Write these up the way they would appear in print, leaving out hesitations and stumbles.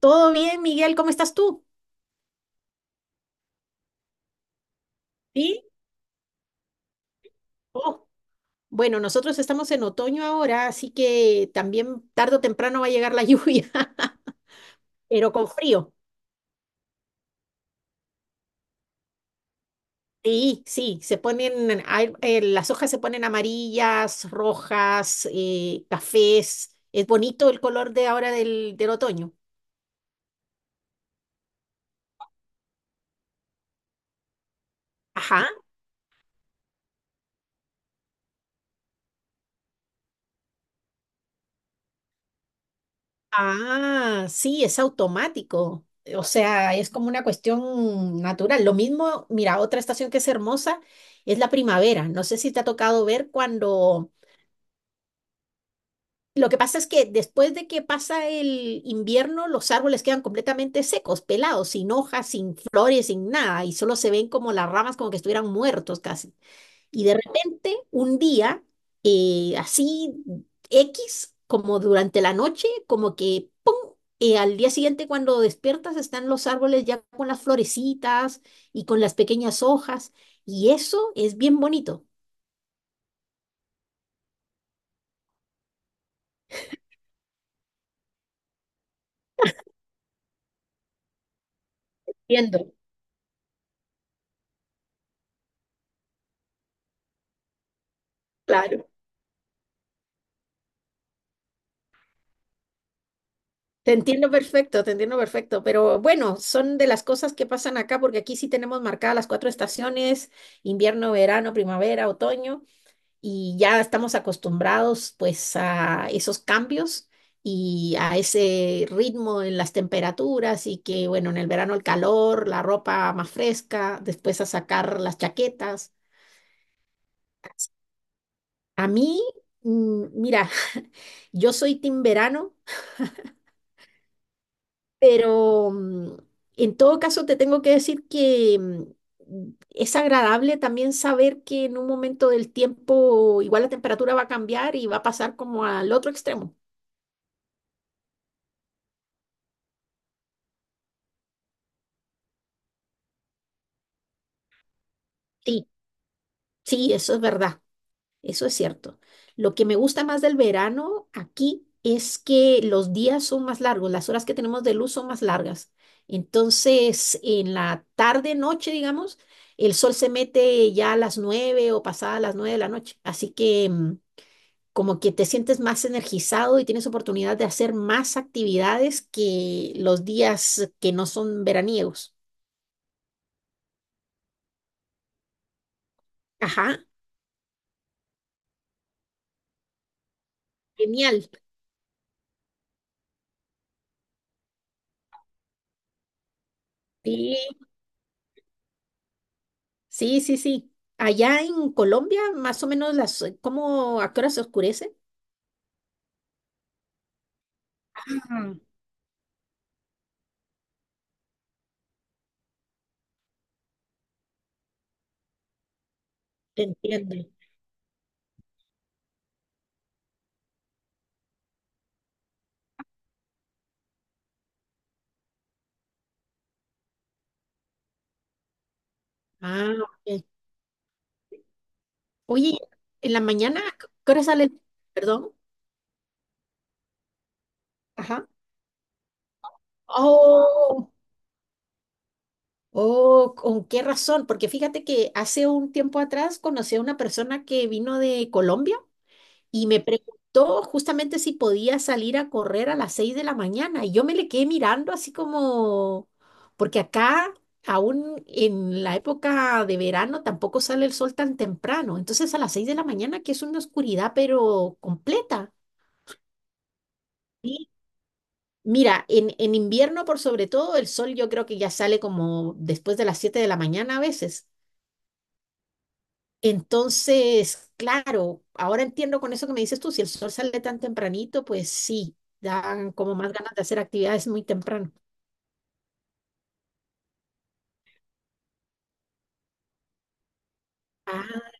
Todo bien, Miguel, ¿cómo estás tú? ¿Sí? Oh, bueno, nosotros estamos en otoño ahora, así que también tarde o temprano va a llegar la lluvia, pero con frío. Sí, sí, se ponen, las hojas se ponen amarillas, rojas, cafés. Es bonito el color de ahora del otoño. Ajá. Ah, sí, es automático. O sea, es como una cuestión natural. Lo mismo, mira, otra estación que es hermosa es la primavera. No sé si te ha tocado ver cuando... Lo que pasa es que después de que pasa el invierno, los árboles quedan completamente secos, pelados, sin hojas, sin flores, sin nada, y solo se ven como las ramas como que estuvieran muertos casi. Y de repente, un día, así X, como durante la noche, como que, ¡pum! Al día siguiente, cuando despiertas, están los árboles ya con las florecitas y con las pequeñas hojas. Y eso es bien bonito. Entiendo, claro. Te entiendo perfecto, pero bueno, son de las cosas que pasan acá, porque aquí sí tenemos marcadas las cuatro estaciones, invierno, verano, primavera, otoño, y ya estamos acostumbrados pues a esos cambios y a ese ritmo en las temperaturas y que bueno, en el verano el calor, la ropa más fresca, después a sacar las chaquetas. A mí, mira, yo soy team verano, pero en todo caso te tengo que decir que es agradable también saber que en un momento del tiempo igual la temperatura va a cambiar y va a pasar como al otro extremo. Sí. Sí, eso es verdad, eso es cierto. Lo que me gusta más del verano aquí es que los días son más largos, las horas que tenemos de luz son más largas. Entonces, en la tarde, noche, digamos, el sol se mete ya a las 9 o pasada las 9 de la noche. Así que como que te sientes más energizado y tienes oportunidad de hacer más actividades que los días que no son veraniegos. Ajá, genial. Sí, sí, sí, sí. Allá en Colombia, más o menos las, ¿cómo a qué hora se oscurece? Ujú. Entiende. Ah, ok. Oye, en la mañana, ¿a ¿qué hora sale? Perdón. Ajá. Oh, oh, ¿con qué razón? Porque fíjate que hace un tiempo atrás conocí a una persona que vino de Colombia y me preguntó justamente si podía salir a correr a las 6 de la mañana. Y yo me le quedé mirando así como, porque acá aún en la época de verano tampoco sale el sol tan temprano. Entonces a las 6 de la mañana, que es una oscuridad pero completa. ¿Sí? Mira, en invierno por sobre todo el sol yo creo que ya sale como después de las 7 de la mañana a veces. Entonces, claro, ahora entiendo con eso que me dices tú, si el sol sale tan tempranito, pues sí, dan como más ganas de hacer actividades muy temprano. Ah,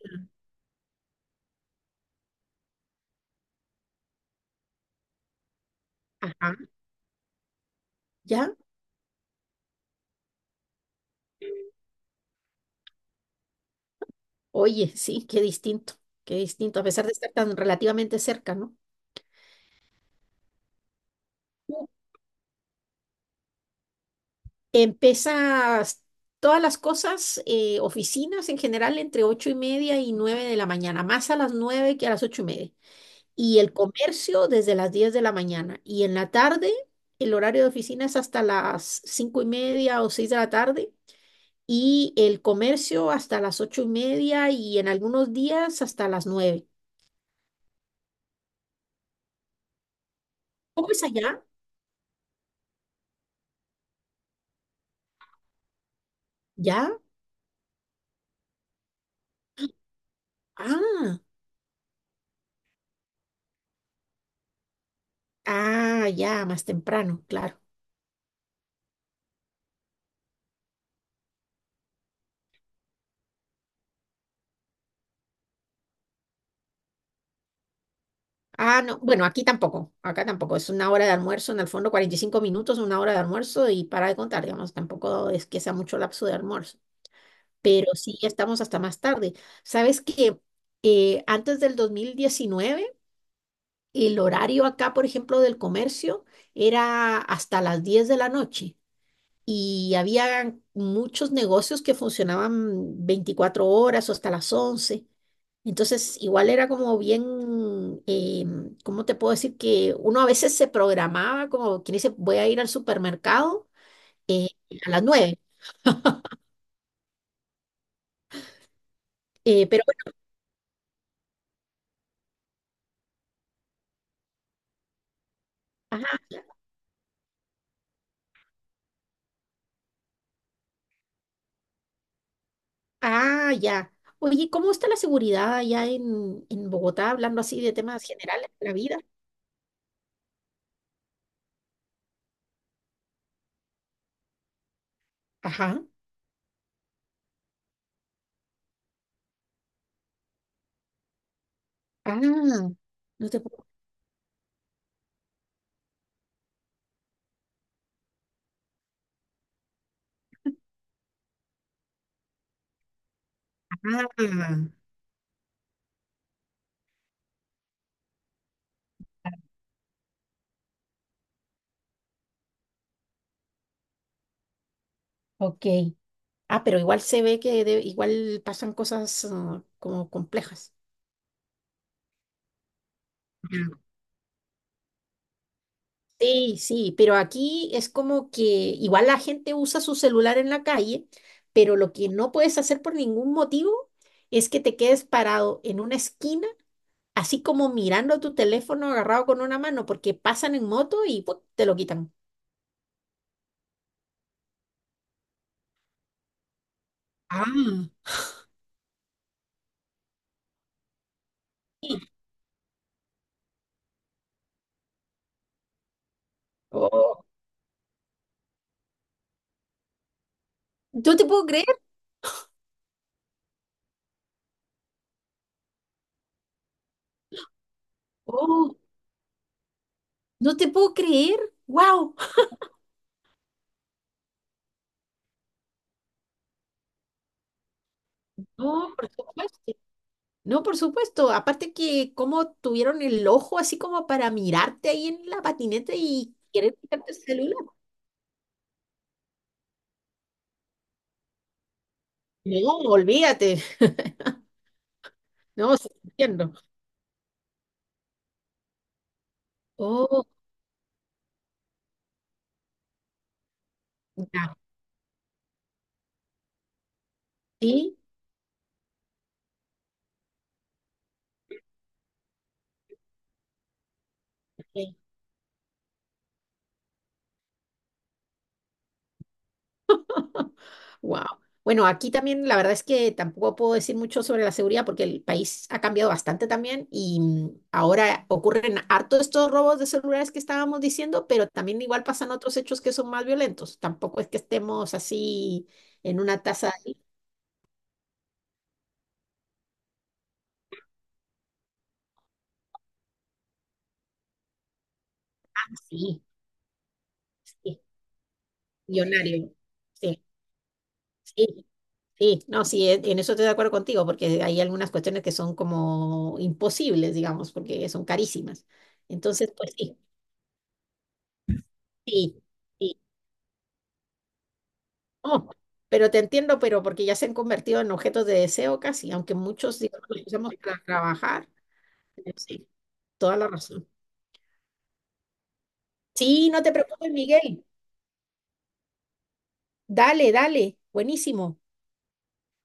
ajá, ya. Oye, sí, qué distinto, a pesar de estar tan relativamente cerca, ¿no? Tú Empiezas todas las cosas, oficinas en general, entre 8:30 y 9 de la mañana, más a las 9 que a las 8:30. Y el comercio desde las 10 de la mañana. Y en la tarde, el horario de oficina es hasta las 5:30 o 6 de la tarde y el comercio hasta las 8:30 y en algunos días hasta las 9. ¿Cómo es allá? ¿Ya? Ah, ah, ya, más temprano, claro. Ah, no, bueno, aquí tampoco, acá tampoco, es una hora de almuerzo, en el fondo 45 minutos, una hora de almuerzo y para de contar, digamos, tampoco es que sea mucho lapso de almuerzo. Pero sí ya estamos hasta más tarde. ¿Sabes que antes del 2019 el horario acá, por ejemplo, del comercio era hasta las 10 de la noche y había muchos negocios que funcionaban 24 horas o hasta las 11? Entonces, igual era como bien, ¿cómo te puedo decir? Que uno a veces se programaba como quien dice, voy a ir al supermercado eh, a las nueve, pero bueno, ajá. Ah, ya. Oye, ¿cómo está la seguridad allá en Bogotá, hablando así de temas generales de la vida? Ajá. Ah, no te puedo. Ah, ok. Ah, pero igual se ve que igual pasan cosas como complejas. Ujú. Sí, sí, pero aquí es como que igual la gente usa su celular en la calle, pero lo que no puedes hacer por ningún motivo es que te quedes parado en una esquina así como mirando tu teléfono agarrado con una mano, porque pasan en moto y ¡pum! Te lo quitan. Ah, oh. ¿No te puedo creer? Oh, no te puedo creer. ¡Wow! No, por supuesto. No, por supuesto. Aparte que como tuvieron el ojo así como para mirarte ahí en la patineta y querer quitarte el celular. No, olvídate. No, sí, entiendo. Oh, ya. Sí. Ok. Wow. Bueno, aquí también la verdad es que tampoco puedo decir mucho sobre la seguridad porque el país ha cambiado bastante también y ahora ocurren harto estos robos de celulares que estábamos diciendo, pero también igual pasan otros hechos que son más violentos. Tampoco es que estemos así en una tasa así, sí, millonario. Sí, sí, sí. No, sí, en eso estoy de acuerdo contigo porque hay algunas cuestiones que son como imposibles, digamos, porque son carísimas. Entonces, pues sí, sí. Sí. No, pero te entiendo, pero porque ya se han convertido en objetos de deseo casi, aunque muchos, digamos, los usamos para trabajar. Pero sí, toda la razón. Sí, no te preocupes, Miguel. Dale, dale. Buenísimo.